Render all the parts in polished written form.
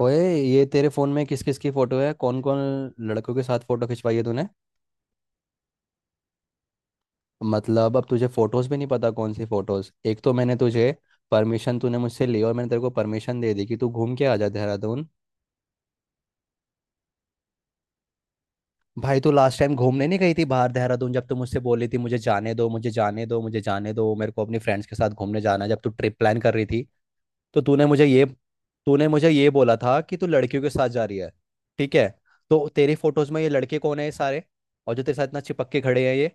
ओए, ये तेरे फोन में किस किस की फोटो है, कौन कौन लड़कों के साथ फोटो खिंचवाई है तूने। मतलब अब तुझे फोटोज भी नहीं पता कौन सी फोटोज। एक तो मैंने तुझे परमिशन, तूने मुझसे ली और मैंने तेरे को परमिशन दे दी कि तू घूम के आ जा देहरादून। भाई तू लास्ट टाइम घूमने नहीं गई थी बाहर देहरादून, जब तू मुझसे बोली थी मुझे जाने दो, मुझे जाने दो, मुझे जाने दो, मेरे को अपने फ्रेंड्स के साथ घूमने जाना है", जब तू ट्रिप प्लान कर रही थी। तो तूने मुझे ये तूने मुझे ये बोला था कि तू लड़कियों के साथ जा रही है। ठीक है। तो तेरी फोटोज में ये लड़के कौन है ये सारे, और जो तेरे साथ इतना चिपक के खड़े हैं ये।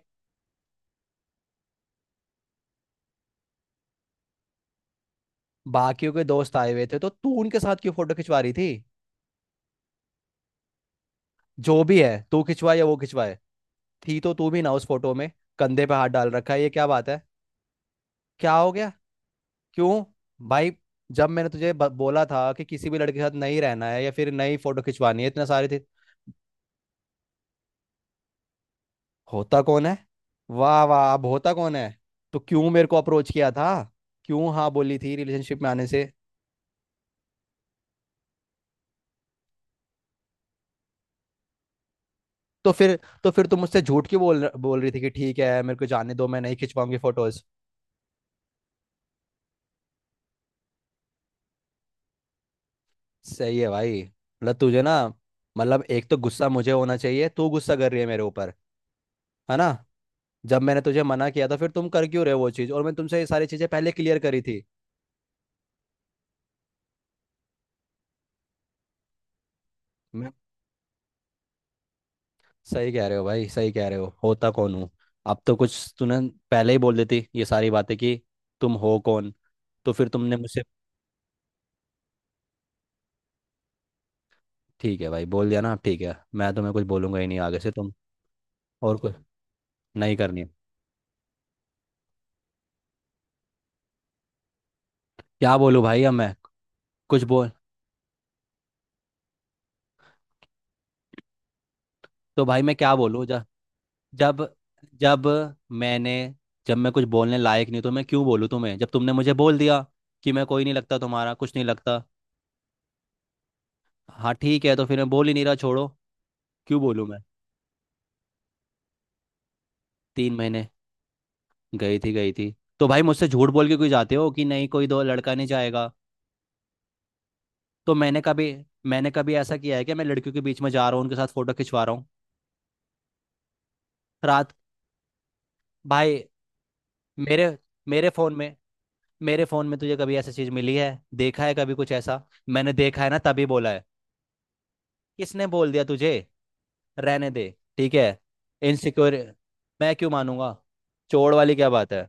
बाकियों के दोस्त आए हुए थे तो तू उनके साथ क्यों फोटो खिंचवा रही थी। जो भी है, तू खिंचवाए या वो खिंचवाए, थी तो तू भी ना उस फोटो में। कंधे पे हाथ डाल रखा है, ये क्या बात है। क्या हो गया, क्यों, भाई। जब मैंने तुझे बोला था कि किसी भी लड़के के साथ नहीं रहना है या फिर नई फोटो खिंचवानी है, इतने सारे थे। होता कौन है। वाह वाह, अब होता कौन है। तो क्यों मेरे को अप्रोच किया था। क्यों हाँ बोली थी रिलेशनशिप में आने से। तो फिर तो फिर तुम मुझसे झूठ क्यों बोल बोल रही थी कि ठीक है मेरे को जाने दो, मैं नहीं खिंचवाऊंगी फोटोज। सही है भाई, मतलब तुझे ना। मतलब एक तो गुस्सा मुझे होना चाहिए, तू गुस्सा कर रही है मेरे ऊपर। है ना। जब मैंने तुझे मना किया था फिर तुम कर क्यों रहे हो वो चीज़, और मैं तुमसे ये सारी चीज़ें पहले क्लियर करी थी। मैं सही कह रहे हो भाई, सही कह रहे हो, होता कौन हूँ। अब तो कुछ तूने पहले ही बोल देती ये सारी बातें कि तुम हो कौन। तो फिर तुमने मुझसे। ठीक है भाई, बोल दिया ना। ठीक है, मैं तुम्हें कुछ बोलूंगा ही नहीं आगे से तुम। और कुछ नहीं करनी है। क्या बोलूँ भाई अब मैं। कुछ बोल। तो भाई मैं क्या बोलूँ। जब जब मैंने जब मैं कुछ बोलने लायक नहीं तो मैं क्यों बोलूँ तुम्हें, जब तुमने मुझे बोल दिया कि मैं कोई नहीं लगता, तुम्हारा कुछ नहीं लगता। हाँ ठीक है, तो फिर मैं बोल ही नहीं रहा, छोड़ो। क्यों बोलूँ मैं। 3 महीने। गई थी तो भाई, मुझसे झूठ बोल के कोई जाते हो, कि नहीं कोई दो लड़का नहीं जाएगा। तो मैंने कभी मैंने कभी ऐसा किया है कि मैं लड़कियों के बीच में जा रहा हूँ, उनके साथ फोटो खिंचवा रहा हूँ। रात, भाई। मेरे मेरे फोन में मेरे फोन में तुझे कभी ऐसी चीज मिली है, देखा है कभी कुछ ऐसा। मैंने देखा है ना तभी बोला है। किसने बोल दिया तुझे। रहने दे, ठीक है। इनसिक्योर, मैं क्यों मानूंगा। चोर वाली क्या बात है।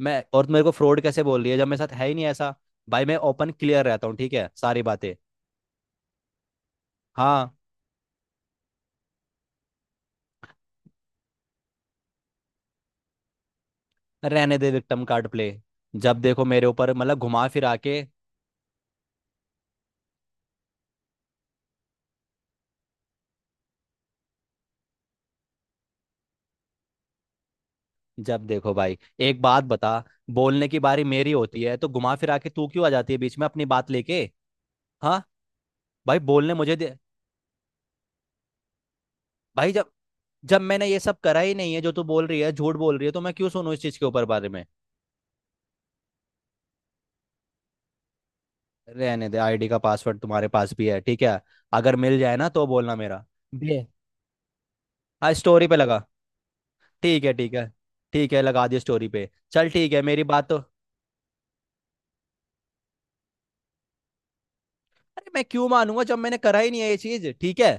मैं और तू मेरे को फ्रॉड कैसे बोल रही है जब मेरे साथ है ही नहीं ऐसा। भाई मैं ओपन क्लियर रहता हूँ ठीक है, सारी बातें। हाँ। रहने दे विक्टम कार्ड प्ले। जब देखो मेरे ऊपर, मतलब घुमा फिरा के। जब देखो भाई, एक बात बता, बोलने की बारी मेरी होती है तो घुमा फिरा के तू क्यों आ जाती है बीच में अपनी बात लेके। हाँ, भाई बोलने मुझे दे। भाई जब। जब मैंने ये सब करा ही नहीं है, जो तू बोल रही है, झूठ बोल रही है, तो मैं क्यों सुनूं इस चीज के ऊपर बारे में। रहने दे, आईडी का पासवर्ड तुम्हारे पास भी है ठीक है। अगर मिल जाए ना तो बोलना मेरा। बे, हाँ स्टोरी पे लगा। ठीक है। ठीक है, लगा दिया स्टोरी पे, चल ठीक है, मेरी बात तो। अरे मैं क्यों मानूंगा जब मैंने करा ही नहीं है ये चीज ठीक है।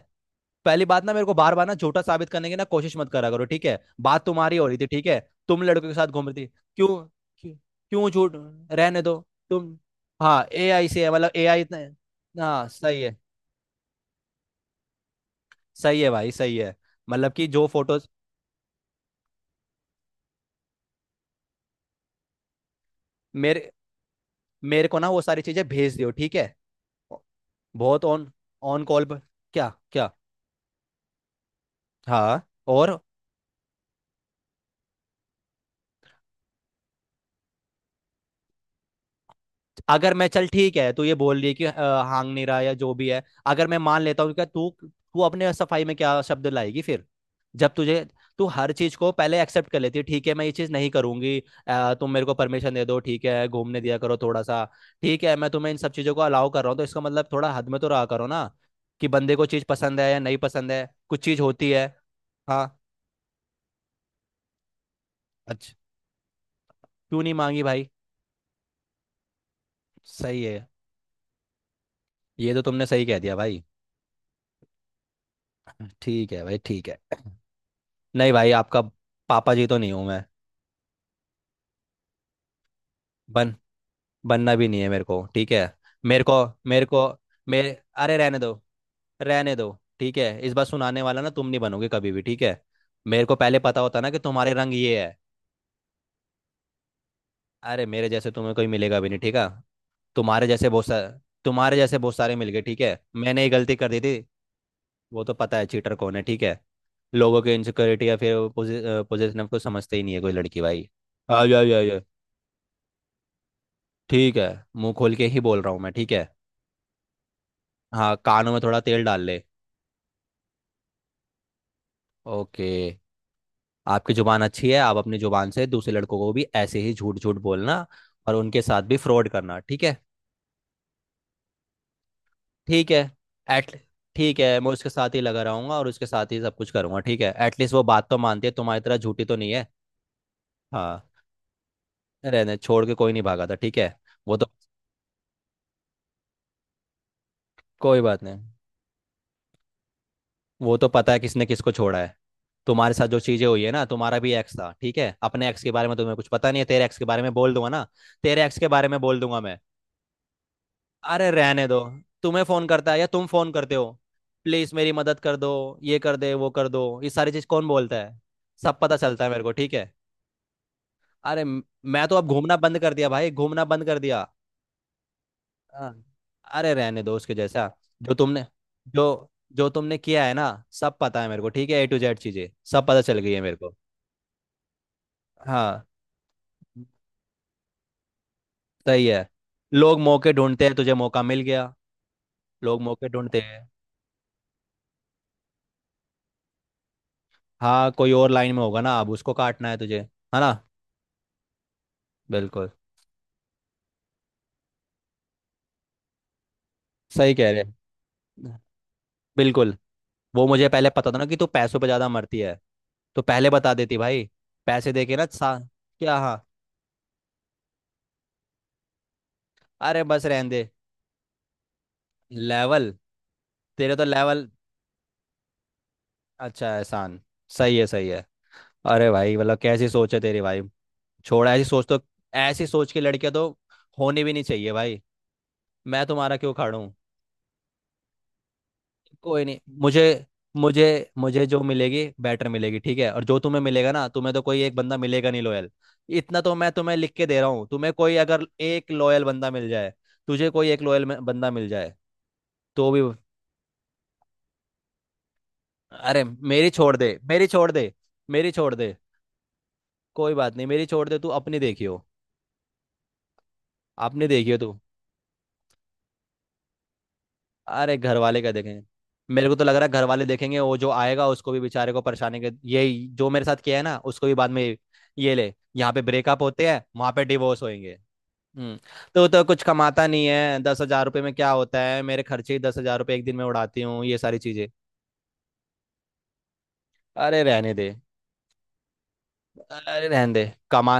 पहली बात ना, मेरे को बार बार ना झूठा साबित करने की ना कोशिश मत करा करो ठीक है, बात तुम्हारी हो रही थी ठीक है। तुम लड़कों के साथ घूम रही थी। क्यों क्यों क्यों झूठ, रहने दो तुम। हाँ, AI से है, मतलब AI इतना। हाँ सही है। सही है भाई, सही है, मतलब कि जो फोटोज। मेरे मेरे को ना वो सारी चीजें भेज दियो ठीक है। बहुत ऑन, ऑन कॉल पर। क्या क्या। हाँ। और अगर मैं, चल ठीक है, तू ये बोल रही है कि हांग नहीं रहा या जो भी है, अगर मैं मान लेता हूँ, क्या तू तू अपने सफाई में क्या शब्द लाएगी फिर। जब तुझे, तू हर चीज को पहले एक्सेप्ट कर लेती है ठीक है, मैं ये चीज नहीं करूंगी। तुम मेरे को परमिशन दे दो ठीक है, घूमने दिया करो थोड़ा सा। ठीक है, मैं तुम्हें इन सब चीजों को अलाउ कर रहा हूँ, तो इसका मतलब थोड़ा हद में तो रहा करो ना, कि बंदे को चीज पसंद है या नहीं पसंद है, कुछ चीज होती है। हाँ। अच्छा, क्यों नहीं मांगी भाई। सही है। ये तो तुमने सही कह दिया भाई। ठीक है भाई, ठीक है। नहीं भाई, आपका पापा जी तो नहीं हूं मैं। बन, बनना भी नहीं है मेरे को ठीक है। मेरे को, मेरे को, मेरे, अरे रहने दो। रहने दो। ठीक है, इस बार सुनाने वाला ना तुम नहीं बनोगे कभी भी ठीक है। मेरे को पहले पता होता ना कि तुम्हारे रंग ये है। अरे मेरे जैसे तुम्हें कोई मिलेगा भी नहीं ठीक है, तुम्हारे जैसे बहुत सारे। तुम्हारे जैसे बहुत सारे मिल गए ठीक है, मैंने ये गलती कर दी थी। वो तो पता है चीटर कौन है ठीक है। लोगों के इनसिक्योरिटी या फिर पोजिशन को समझते ही नहीं है कोई लड़की भाई। आ जा जा जा। ठीक है, मुंह खोल के ही बोल रहा हूँ मैं ठीक है। हाँ, कानों में थोड़ा तेल डाल ले। ओके। आपकी जुबान अच्छी है, आप अपनी जुबान से दूसरे लड़कों को भी ऐसे ही झूठ झूठ बोलना और उनके साथ भी फ्रॉड करना ठीक है। ठीक है, एट। ठीक है, मैं उसके साथ ही लगा रहूंगा और उसके साथ ही सब कुछ करूंगा ठीक है, एटलीस्ट वो बात तो मानती है, तुम्हारी तरह झूठी तो नहीं है। हाँ, रहने छोड़ के कोई नहीं भागा था ठीक है। वो तो, कोई बात नहीं। वो तो पता है किसने किसको छोड़ा है। तुम्हारे साथ जो चीजें हुई है ना, तुम्हारा भी एक्स था ठीक है, अपने एक्स के बारे में तुम्हें कुछ पता नहीं है। तेरे एक्स के बारे में बोल दूंगा ना, तेरे एक्स के बारे में बोल दूंगा मैं। अरे रहने दो। तुम्हें फोन करता है या तुम फोन करते हो, प्लीज मेरी मदद कर दो, ये कर दे वो कर दो, ये सारी चीज कौन बोलता है। सब पता चलता है मेरे को ठीक है। अरे मैं तो अब घूमना बंद कर दिया भाई, घूमना बंद कर दिया। हाँ। अरे रहने दो, उसके जैसा। जो तुमने जो जो तुमने किया है ना, सब पता है मेरे को ठीक है, A to Z चीजें सब पता चल गई है मेरे को। हाँ सही है। लोग मौके ढूंढते हैं, तुझे मौका मिल गया। लोग मौके ढूंढते हैं। हाँ, कोई और लाइन में होगा ना, अब उसको काटना है तुझे, है ना। बिल्कुल, सही कह रहे हैं। बिल्कुल। वो मुझे पहले पता था ना कि तू पैसों पे ज्यादा मरती है, तो पहले बता देती भाई। पैसे देके ना सा। क्या हाँ। अरे बस रहने दे। लेवल, तेरे तो लेवल। अच्छा है, एहसान। सही है, सही है। अरे भाई, मतलब कैसी सोच है तेरी भाई, छोड़ ऐसी सोच तो। ऐसी सोच की लड़कियां तो होनी भी नहीं चाहिए भाई। मैं तुम्हारा क्यों खाड़ूं। कोई नहीं, मुझे मुझे मुझे जो मिलेगी बेटर मिलेगी ठीक है, और जो तुम्हें मिलेगा ना, तुम्हें तो कोई एक बंदा मिलेगा नहीं लॉयल। इतना तो मैं तुम्हें लिख के दे रहा हूँ, तुम्हें कोई अगर एक लॉयल बंदा मिल जाए। तुझे कोई एक लॉयल बंदा मिल जाए तो भी, अरे। मेरी छोड़ दे मेरी छोड़ दे मेरी छोड़ दे कोई बात नहीं, मेरी छोड़ दे तू, अपनी देखियो। अपनी देखियो तू। अरे घर वाले क्या देखेंगे। मेरे को तो लग रहा है घर वाले देखेंगे, वो जो आएगा उसको भी बेचारे को परेशानी के ये, जो मेरे साथ किया है ना, उसको भी बाद में। ये ले, यहाँ पे ब्रेकअप होते हैं, वहां पे डिवोर्स होंगे। हम्म। तो कुछ कमाता नहीं है, 10,000 रुपये में क्या होता है, मेरे खर्चे ही 10,000 रुपये एक दिन में उड़ाती हूँ, ये सारी चीजें। अरे रहने दे। अरे रहने दे, कमा,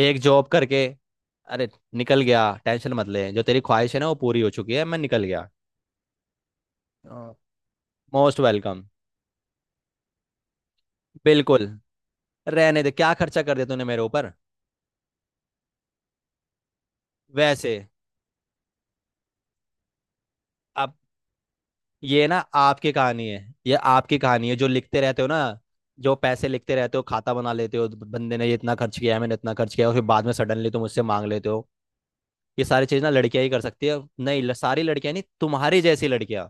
एक जॉब करके। अरे निकल गया, टेंशन मत ले, जो तेरी ख्वाहिश है ना वो पूरी हो चुकी है, मैं निकल गया। Most welcome. बिल्कुल। रहने दे, क्या खर्चा कर दिया तूने मेरे ऊपर। वैसे। अब ये ना आपकी कहानी है। ये आपकी कहानी है जो लिखते रहते हो ना, जो पैसे लिखते रहते हो, खाता बना लेते हो, बंदे ने ये इतना खर्च किया है, मैंने इतना खर्च किया है, और फिर बाद में सडनली तुम मुझसे मांग लेते हो। ये सारी चीज ना लड़कियां ही कर सकती है, नहीं सारी लड़कियां नहीं, तुम्हारी जैसी लड़कियां।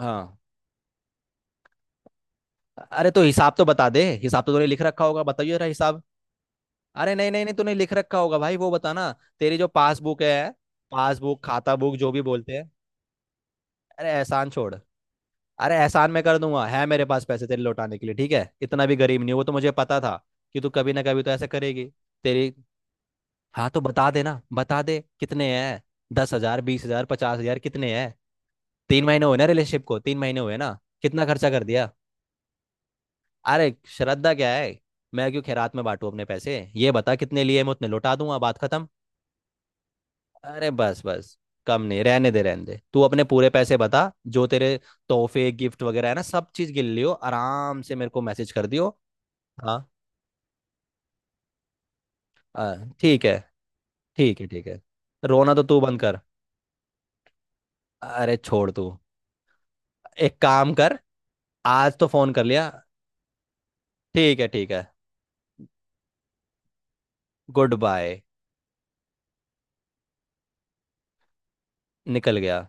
हाँ। अरे तो हिसाब तो बता दे, हिसाब तो तूने लिख रखा होगा, बताइए जरा हिसाब। अरे नहीं नहीं नहीं, तूने लिख रखा होगा भाई, वो बताना, तेरी जो पासबुक है, पासबुक खाता बुक जो भी बोलते हैं। अरे एहसान छोड़। अरे एहसान मैं कर दूंगा, है मेरे पास पैसे तेरे लौटाने के लिए ठीक है, इतना भी गरीब नहीं हूं, वो तो मुझे पता था कि तू कभी ना कभी तो ऐसा करेगी। तेरी। हाँ तो बता दे ना, बता दे कितने हैं, 10,000, 20,000, 50,000, कितने हैं। 3 महीने हुए ना रिलेशनशिप को, 3 महीने हुए ना, कितना खर्चा कर दिया। अरे श्रद्धा क्या है, मैं क्यों खैरात में बांटू अपने पैसे, ये बता कितने लिए, मैं उतने लौटा दूंगा, बात खत्म। अरे बस बस, कम नहीं, रहने दे रहने दे तू, अपने पूरे पैसे बता। जो तेरे तोहफे, गिफ्ट वगैरह है ना, सब चीज गिन लियो आराम से, मेरे को मैसेज कर दियो। हाँ, हाँ ठीक है। ठीक है ठीक है। रोना तो तू बंद कर। अरे छोड़ तू। एक काम कर, आज तो फोन कर लिया। ठीक है, ठीक है, गुड बाय। निकल गया।